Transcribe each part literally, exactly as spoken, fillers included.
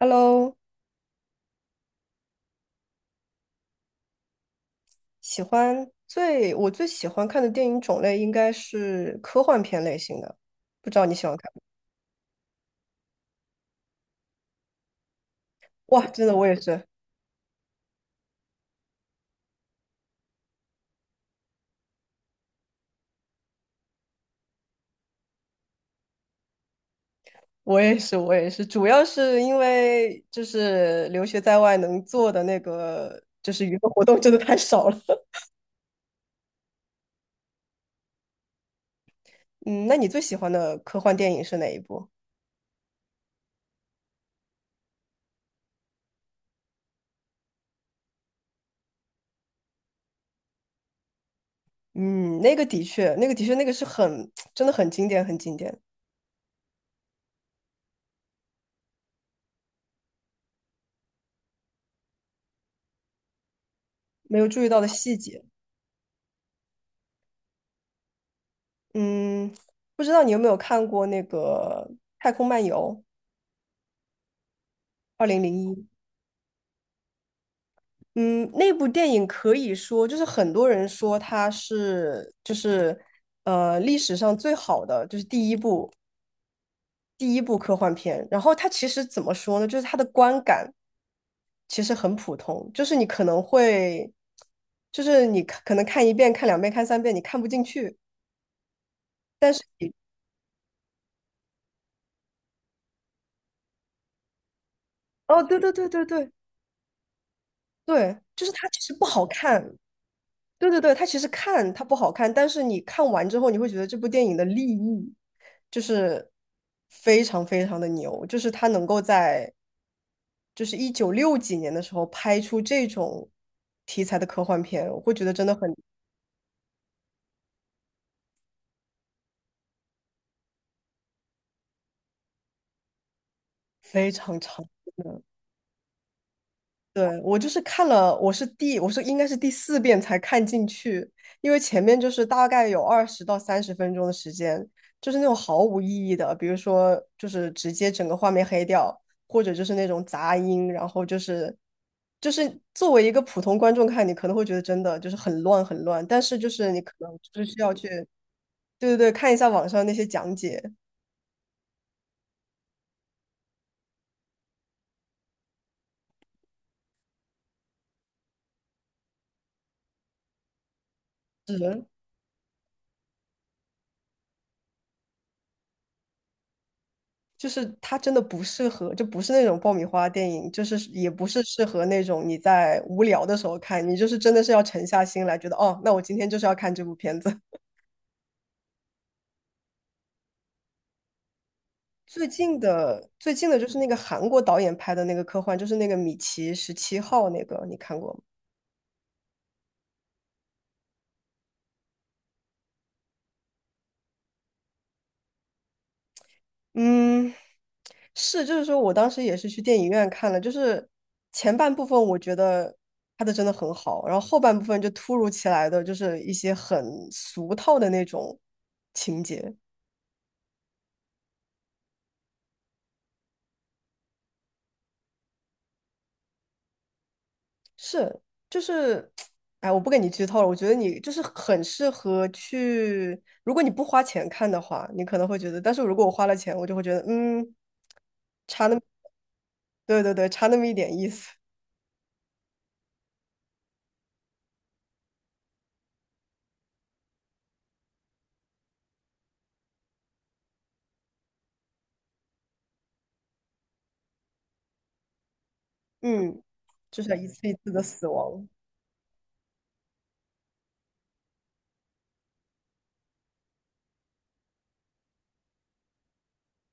Hello，喜欢最我最喜欢看的电影种类应该是科幻片类型的，不知道你喜欢看吗？哇，真的，我也是，我也是，我也是，主要是因为就是留学在外能做的那个就是娱乐活动真的太少了。嗯，那你最喜欢的科幻电影是哪一部？嗯，那个的确，那个的确，那个是很 真的很经典，很经典，没有注意到的细节。嗯，不知道你有没有看过那个《太空漫游》二零零一？嗯，那部电影可以说就是很多人说它是就是呃历史上最好的，就是第一部第一部科幻片。然后它其实怎么说呢？就是它的观感其实很普通，就是你可能会就是你看可能看一遍、看两遍、看三遍，你看不进去。哦，对对对对对对，就是它其实不好看，对对对，它其实看它不好看，但是你看完之后，你会觉得这部电影的立意就是非常非常的牛，就是它能够在就是一九六几年的时候拍出这种题材的科幻片，我会觉得真的很非常长。对，我就是看了，我是第，我是应该是第四遍才看进去，因为前面就是大概有二十到三十分钟的时间，就是那种毫无意义的，比如说就是直接整个画面黑掉，或者就是那种杂音，然后就是就是作为一个普通观众看，你可能会觉得真的就是很乱很乱，但是就是你可能就是需要去，对对对，看一下网上那些讲解。是，就是它真的不适合，就不是那种爆米花电影，就是也不是适合那种你在无聊的时候看，你就是真的是要沉下心来，觉得哦，那我今天就是要看这部片子。最近的最近的就是那个韩国导演拍的那个科幻，就是那个《米奇十七号》那个，你看过吗？嗯，是，就是说我当时也是去电影院看了，就是前半部分我觉得拍的真的很好，然后后半部分就突如其来的就是一些很俗套的那种情节。是，就是，哎，我不跟你剧透了。我觉得你就是很适合去，如果你不花钱看的话，你可能会觉得，但是如果我花了钱，我就会觉得，嗯，差那么，对对对，差那么一点意思，嗯，就是一次一次的死亡，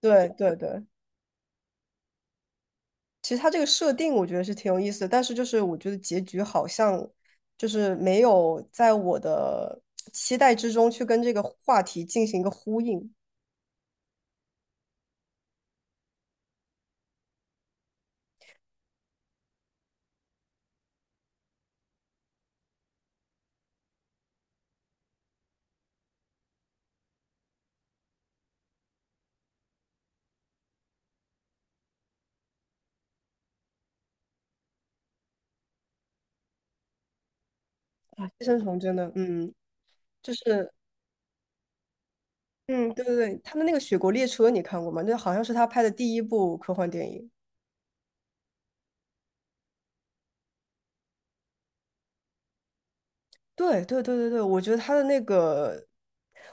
对对对。其实它这个设定我觉得是挺有意思的，但是就是我觉得结局好像就是没有在我的期待之中去跟这个话题进行一个呼应。啊，寄生虫真的，嗯，就是。嗯，对对对，他的那个《雪国列车》你看过吗？那好像是他拍的第一部科幻电影。对对对对对，我觉得他的那个，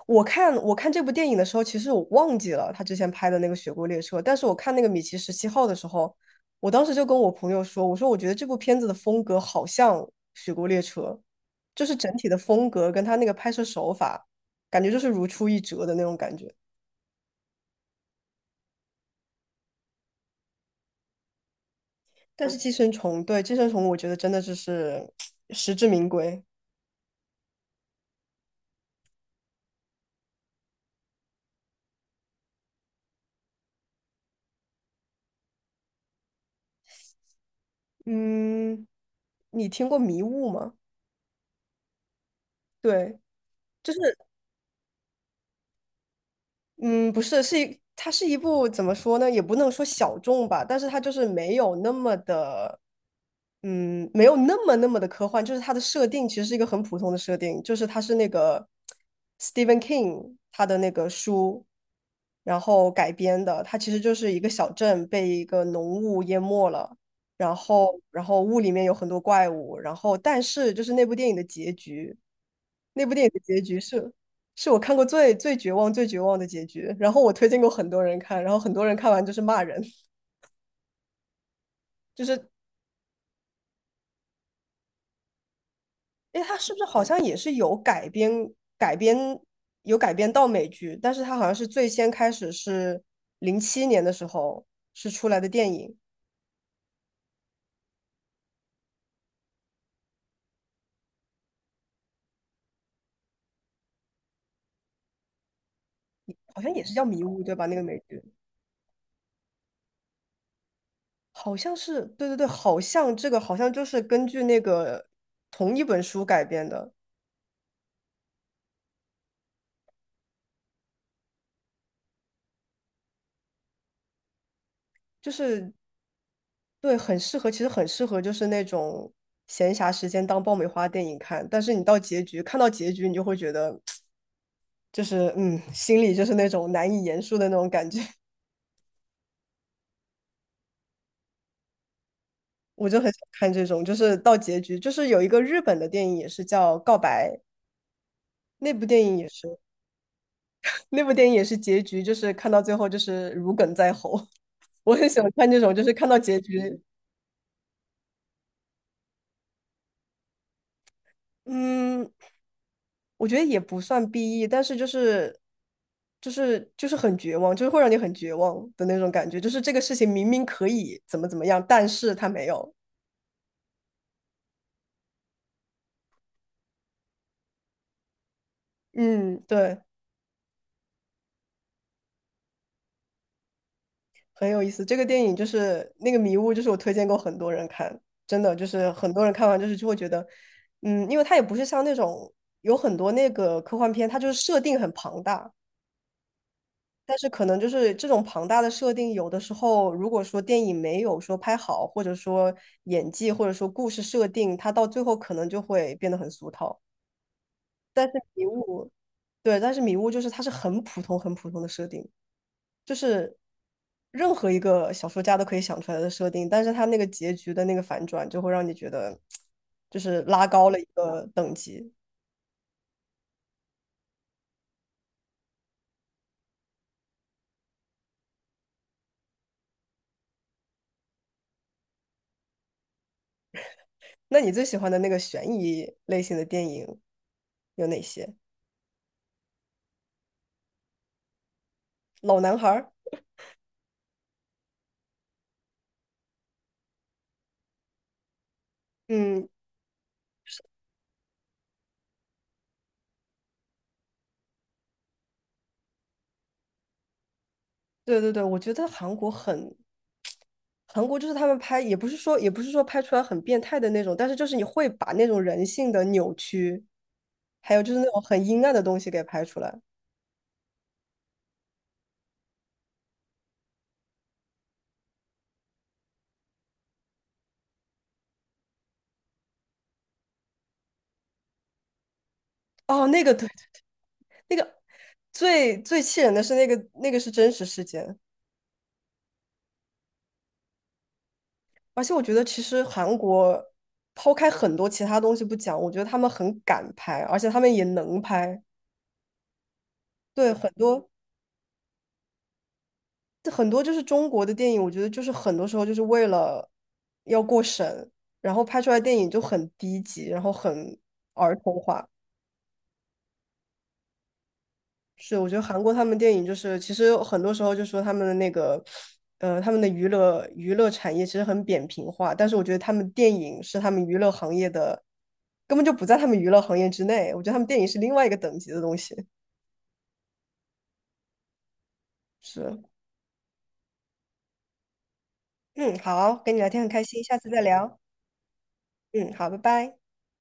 我看我看这部电影的时候，其实我忘记了他之前拍的那个《雪国列车》，但是我看那个《米奇十七号》的时候，我当时就跟我朋友说，我说我觉得这部片子的风格好像《雪国列车》，就是整体的风格跟他那个拍摄手法，感觉就是如出一辙的那种感觉。但是《寄生虫》对《寄生虫》，我觉得真的就是 实至名归。嗯，你听过《迷雾》吗？对，就是，嗯，不是，是一，它是一部怎么说呢，也不能说小众吧，但是它就是没有那么的。嗯，没有那么那么的科幻，就是它的设定其实是一个很普通的设定，就是它是那个 Stephen King 他的那个书，然后改编的，它其实就是一个小镇被一个浓雾淹没了，然后然后雾里面有很多怪物，然后但是就是那部电影的结局，那部电影的结局是是我看过最最绝望最绝望的结局，然后我推荐过很多人看，然后很多人看完就是骂人。就是哎，它是不是好像也是有改编改编有改编到美剧？但是它好像是最先开始是零七年的时候是出来的电影，好像也是叫《迷雾》对吧？那个美剧好像是对对对，好像这个好像就是根据那个同一本书改编的，就是对，很适合，其实很适合就是那种闲暇时间当爆米花电影看。但是你到结局看到结局，你就会觉得就是嗯，心里就是那种难以言述的那种感觉。我就很想看这种，就是到结局，就是有一个日本的电影也是叫《告白》，那部电影也是，那部电影也是结局，就是看到最后就是如鲠在喉。我很喜欢看这种，就是看到结局，嗯，我觉得也不算 B E，但是就是就是就是很绝望，就是会让你很绝望的那种感觉，就是这个事情明明可以怎么怎么样，但是他没有。嗯，对。很有意思。这个电影就是那个迷雾，就是我推荐过很多人看，真的就是很多人看完就是就会觉得，嗯，因为它也不是像那种有很多那个科幻片，它就是设定很庞大，但是可能就是这种庞大的设定，有的时候如果说电影没有说拍好，或者说演技，或者说故事设定，它到最后可能就会变得很俗套。但是迷雾，对，但是迷雾就是它是很普通很普通的设定。就是任何一个小说家都可以想出来的设定，但是他那个结局的那个反转就会让你觉得就是拉高了一个等级。那你最喜欢的那个悬疑类型的电影有哪些？老男孩儿，嗯，对对对，我觉得韩国很，韩国就是他们拍，也不是说也不是说拍出来很变态的那种，但是就是你会把那种人性的扭曲，还有就是那种很阴暗的东西给拍出来。哦，那个对，那个最最气人的是那个那个是真实事件，而且我觉得其实韩国抛开很多其他东西不讲，我觉得他们很敢拍，而且他们也能拍。对，很多很多就是中国的电影，我觉得就是很多时候就是为了要过审，然后拍出来电影就很低级，然后很儿童化。是，我觉得韩国他们电影就是，其实很多时候就说他们的那个，呃，他们的娱乐娱乐产业其实很扁平化，但是我觉得他们电影是他们娱乐行业的，根本就不在他们娱乐行业之内。我觉得他们电影是另外一个等级的东西。是，嗯，好，跟你聊天很开心，下次再聊。嗯，好，拜拜。